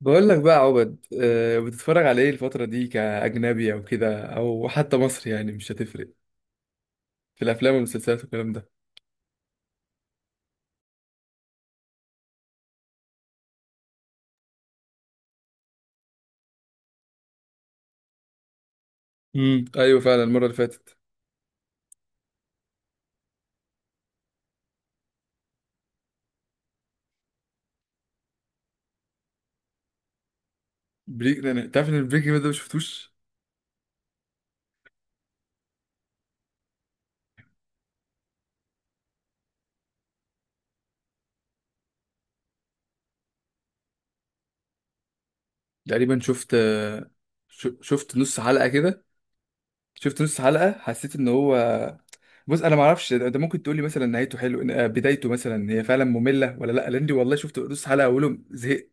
بقول لك بقى يا عبد بتتفرج على ايه الفترة دي كأجنبي او كده او حتى مصري؟ يعني مش هتفرق في الافلام والمسلسلات والكلام ده. ايوه، فعلا المرة اللي فاتت. تعرف ان البريك ده ما شفتوش؟ تقريبا شفت، شفت نص حلقة كده. شفت نص حلقة، حسيت ان هو. بص، انا ما اعرفش، انت ممكن تقول لي مثلا نهايته حلو، بدايته مثلا هي فعلا مملة ولا لا؟ لان دي والله شفت نص حلقة اولهم زهقت.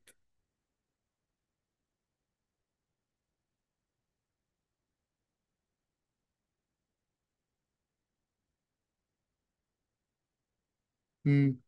امم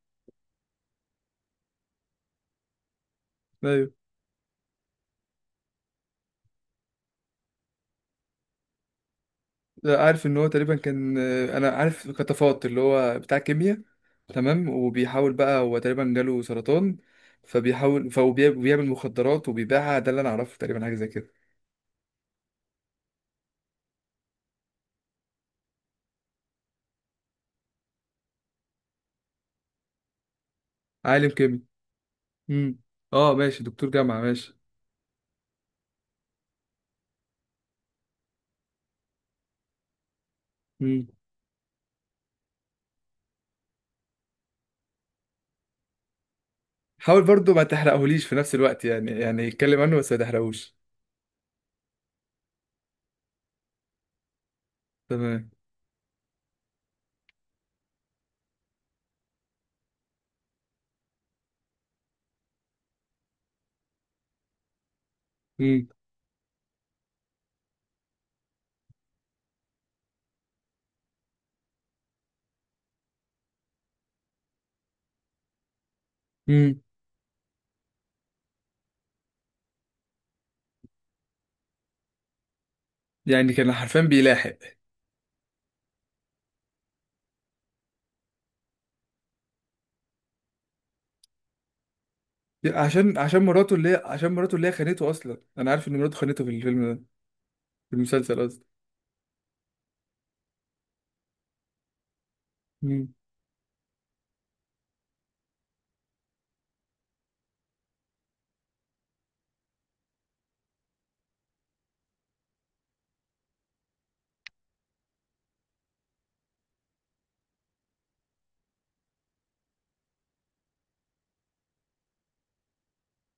لا، عارف ان هو تقريبا كان، انا عارف كتفوت، اللي هو بتاع كيمياء، تمام، وبيحاول بقى، هو تقريبا جاله سرطان، فبيحاول، فهو بيعمل مخدرات وبيبيعها. ده اللي انا اعرفه تقريبا، حاجه زي كده. عالم كيمياء. امم اه، ماشي، دكتور جامعه، ماشي. امم حاول برضو ما تحرقهوليش في نفس الوقت يعني، يعني يتكلم عنه بس ما تحرقهوش. تمام. امم امم يعني كان حرفيا بيلاحق. عشان مراته اللي هي عشان مراته اللي هي خانته اصلا. انا عارف ان مراته خانته في الفيلم ده، في المسلسل قصدي. امم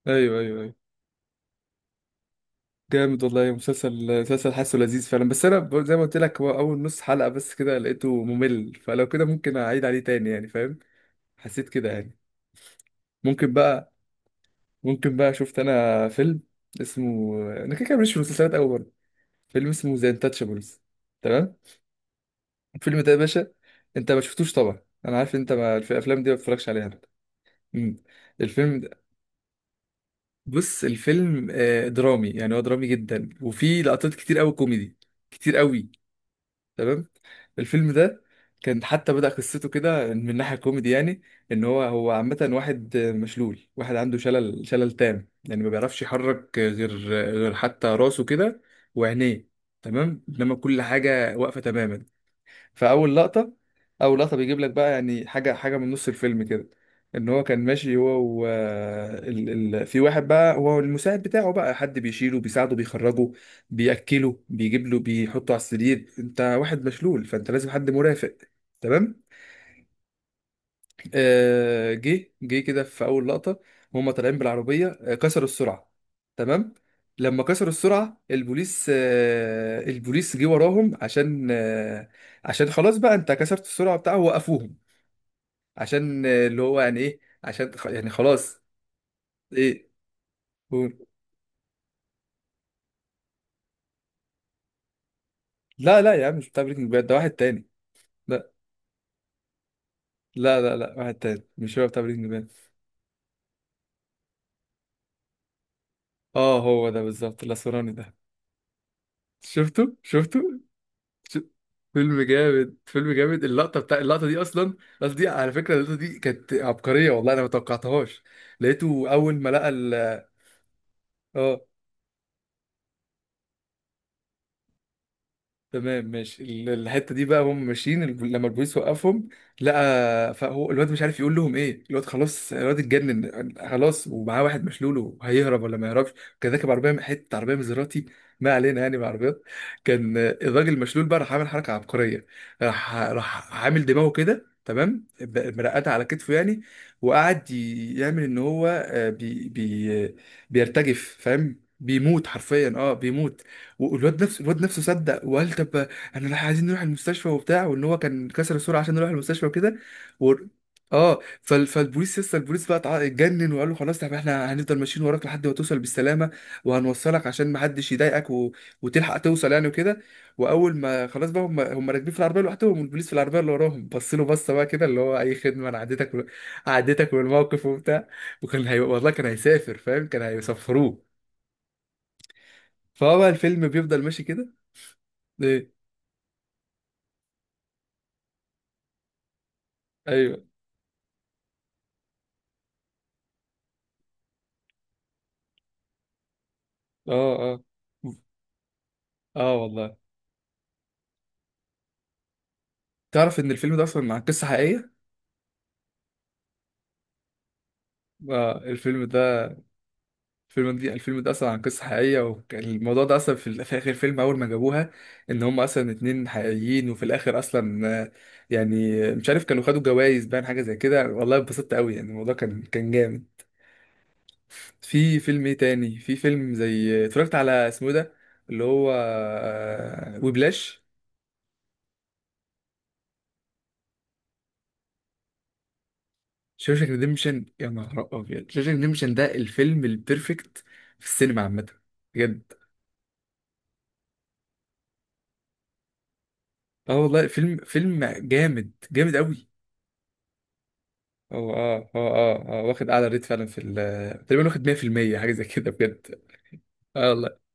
ايوه ايوه ايوه. جامد والله، مسلسل حاسه لذيذ فعلا. بس انا برضه زي ما قلت لك، هو اول نص حلقة بس كده لقيته ممل، فلو كده ممكن اعيد عليه تاني يعني، فاهم؟ حسيت كده يعني. ممكن بقى ممكن بقى شفت انا فيلم اسمه، انا كده كده ماليش في المسلسلات قوي برضه، فيلم اسمه ذا انتاتشابلز، تمام؟ الفيلم ده يا باشا، انت ما شفتوش طبعا، انا عارف انت ما في الافلام دي ما بتتفرجش عليها أنت. أمم. الفيلم ده، بص، الفيلم درامي، يعني هو درامي جدا وفي لقطات كتير قوي كوميدي، كتير قوي. تمام. الفيلم ده كان حتى بدأ قصته كده من ناحية كوميدي يعني. ان هو، هو عامة واحد مشلول، واحد عنده شلل، تام يعني، ما بيعرفش يحرك غير، غير حتى راسه كده، وعينيه. تمام، انما كل حاجة واقفة تماما. فاول لقطه، اول لقطه بيجيب لك بقى يعني حاجه، حاجه من نص الفيلم كده، ان هو كان ماشي هو في واحد بقى، هو المساعد بتاعه بقى، حد بيشيله، بيساعده، بيخرجه، بياكله، بيجيب له، بيحطه على السرير، انت واحد مشلول فانت لازم حد مرافق، تمام. جه، كده في اول لقطه، وهم طالعين بالعربيه، كسروا السرعه، تمام. لما كسروا السرعه البوليس، البوليس جه وراهم عشان عشان خلاص بقى، انت كسرت السرعه بتاعه، وقفوهم عشان، اللي هو يعني ايه، عشان يعني خلاص. ايه؟ هو- لا لا يا عم، مش بتاع بريكنج باد ده، واحد تاني. لا لا لا لا، واحد تاني، مش هو بتاع بريكنج باد. اه، هو ده بالظبط، الاسمراني ده. شفته، شفته، ش- فيلم جامد، فيلم جامد، اللقطه دي اصلا، اللقطه دي على فكره، اللقطه دي كانت عبقريه والله، انا ما توقعتهاش. لقيته اول ما لقى ال، اه. تمام ماشي، الحته دي بقى هم ماشيين، لما البوليس وقفهم لقى، فهو الواد مش عارف يقول لهم ايه، الواد خلاص، الواد اتجنن خلاص، ومعاه واحد مشلول، وهيهرب ولا ما يهربش؟ كان راكب عربيه من حته، عربيه مزراتي، ما علينا يعني بعربيات. كان الراجل المشلول بقى راح عامل حركه عبقريه. راح، راح عامل دماغه كده، تمام، مرقده على كتفه يعني، وقعد يعمل ان هو بي بي بيرتجف، فاهم؟ بيموت حرفيا، اه بيموت. والواد نفسه، الواد نفسه صدق وقال طب، انا راح، عايزين نروح المستشفى وبتاع، وان هو كان كسر السرعه عشان نروح المستشفى وكده و... اه، فالبوليس لسه، البوليس بقى اتجنن وقال له خلاص، طب احنا هنفضل ماشيين وراك لحد ما توصل بالسلامه، وهنوصلك عشان ما حدش يضايقك و... وتلحق توصل يعني، وكده. واول ما خلاص بقى، هم راكبين في العربيه لوحدهم، والبوليس في العربيه اللي وراهم بص له بصه بقى كده اللي هو اي خدمه، انا عديتك و... عديتك بالموقف وبتاع. وكان هي... والله كان هيسافر، فاهم؟ كان هيسفروه. فهو بقى الفيلم بيفضل ماشي كده. إيه، ايوه، اه اه اه والله. تعرف ان الفيلم ده اصلا عن قصه حقيقيه؟ اه، الفيلم ده، الفيلم ده اصلا عن قصه حقيقيه. وكان الموضوع ده اصلا في، في اخر الفيلم اول ما جابوها، ان هم اصلا اتنين حقيقيين. وفي الاخر اصلا، يعني مش عارف، كانوا خدوا جوائز باين، حاجه زي كده، والله اتبسطت قوي يعني، الموضوع كان، كان جامد. في فيلم ايه تاني، في فيلم زي اتفرجت على اسمه إيه ده، اللي هو وبلاش. شوشانك ريديمشن، يا نهار ابيض، شوشانك ريديمشن ده الفيلم البيرفكت في السينما عامه، بجد. اه والله، فيلم، فيلم جامد جامد قوي. هو واخد اعلى ريت فعلا في ال، تقريبا واخد 100% حاجه زي كده، بجد. اه والله.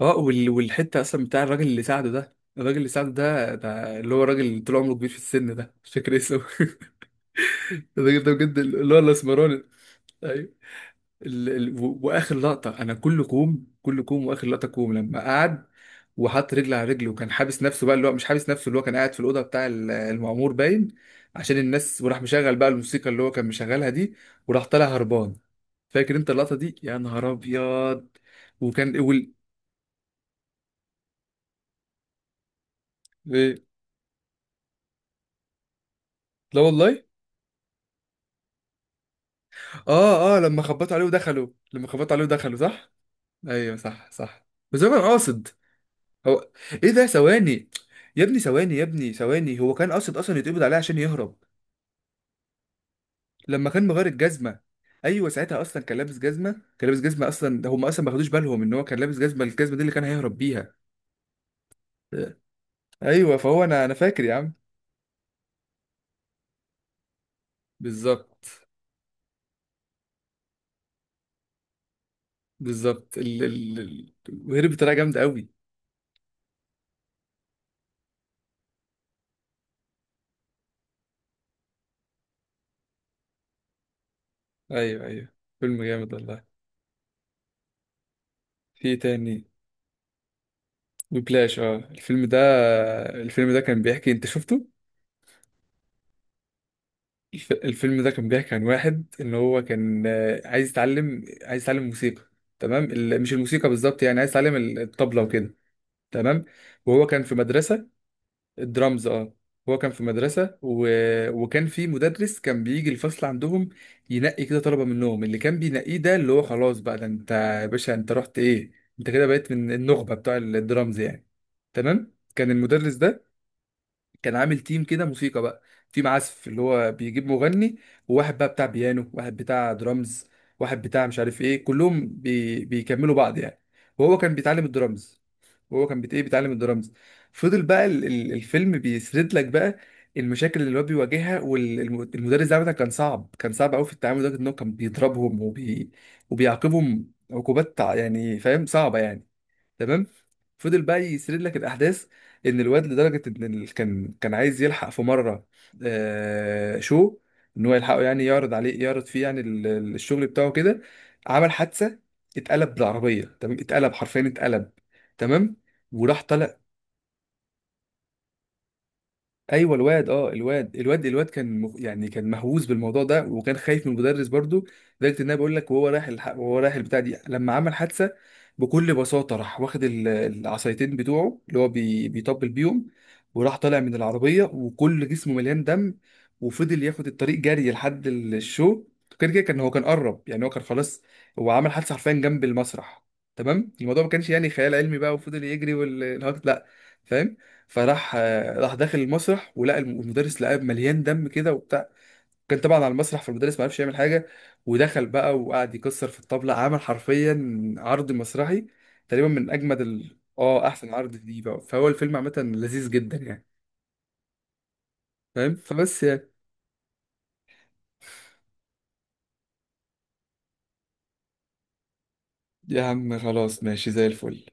اه، والحته اصلا بتاع الراجل اللي ساعده ده، الراجل اللي ساعده ده، ده اللي هو الراجل اللي طول عمره كبير في السن ده، مش فاكر اسمه. الراجل ده بجد، اللي هو الاسمراني. أيوه. واخر لقطه، انا كل كوم، كل كوم واخر لقطه كوم، لما قعد وحط رجل على رجل وكان حابس نفسه بقى، اللي هو مش حابس نفسه، اللي هو كان قاعد في الاوضه بتاع المعمور باين، عشان الناس، وراح مشغل بقى الموسيقى اللي هو كان مشغلها دي، وراح طالع هربان. فاكر انت اللقطه دي؟ يا نهار ابيض. وكان وال... إيه؟ لا والله. اه اه، لما خبطوا عليه ودخلوا، لما خبطوا عليه ودخلوا، صح. ايوه، صح صح. بس هو كان قاصد. هو. ايه ده، ثواني، يا ابني ثواني، يا ابني ثواني، هو كان قاصد اصلا يتقبض عليه عشان يهرب، لما كان مغير الجزمه. ايوه، ساعتها اصلا كان لابس جزمه، كان لابس جزمه اصلا، ده هم اصلا ما خدوش بالهم ان هو كان لابس جزمه، الجزمه دي اللي كان هيهرب بيها. ايوه. فهو، انا فاكر يا عم. بالظبط، بالظبط. وهرب بطريقه جامده قوي. ايوه ايوه، فيلم جامد والله. في إيه تاني؟ وبلاش، اه، الفيلم ده، الفيلم ده كان بيحكي، انت شفته؟ الفيلم ده كان بيحكي عن واحد ان هو كان عايز يتعلم، عايز يتعلم موسيقى، تمام، مش الموسيقى بالظبط يعني، عايز يتعلم الطبلة وكده، تمام. وهو كان في مدرسة. الدرامز، اه، هو كان في مدرسة و... وكان في مدرس كان بيجي الفصل عندهم، ينقي كده طلبة منهم، اللي كان بينقيه ده اللي هو خلاص بقى، ده انت يا باشا، انت رحت ايه، انت كده بقيت من النخبة بتوع الدرامز يعني. تمام، كان المدرس ده كان عامل تيم كده موسيقى بقى، تيم عزف اللي هو بيجيب مغني، وواحد بقى بتاع بيانو، واحد بتاع درامز، واحد بتاع مش عارف ايه، كلهم بيكملوا بعض يعني، وهو كان بيتعلم الدرامز. وهو كان بت... ايه بيتعلم الدرامز. فضل بقى الفيلم بيسرد لك بقى المشاكل اللي هو بيواجهها، والمدرس ده عامة كان صعب، كان صعب قوي في التعامل، لدرجة ان هو كان بيضربهم وبيعاقبهم عقوبات يعني فاهم، صعبة يعني. تمام. فضل بقى يسرد لك الاحداث، ان الواد لدرجه ان كان عايز يلحق في مره، شو، ان هو يلحقه يعني، يعرض عليه، يعرض فيه يعني الشغل بتاعه كده. عمل حادثه، اتقلب بالعربيه، تمام، اتقلب حرفيا اتقلب، تمام. وراح طالع. ايوه الواد، اه الواد كان مخ... يعني كان مهووس بالموضوع ده وكان خايف من المدرس برضو، لدرجه ان انا بقول لك، وهو رايح وهو رايح البتاع دي، لما عمل حادثه بكل بساطه، راح واخد العصايتين بتوعه اللي هو بيطبل بيهم، وراح طالع من العربيه وكل جسمه مليان دم. وفضل ياخد الطريق جري لحد الشو. كده كده، كان قرب يعني، هو كان خلاص، هو عمل حادثه حرفيا جنب المسرح، تمام، الموضوع ما كانش يعني خيال علمي بقى، وفضل يجري والهكت لا، فاهم؟ فراح، راح داخل المسرح، ولقى المدرس، لقاه مليان دم كده وبتاع، كان طبعا على المسرح، فالمدرس ما عرفش يعمل حاجه. ودخل بقى وقعد يكسر في الطبله، عمل حرفيا عرض مسرحي، تقريبا من اجمد ال... اه احسن عرض دي بقى. فهو الفيلم عامه لذيذ جدا يعني، فاهم؟ فبس يعني. يا عم خلاص، ماشي زي الفل.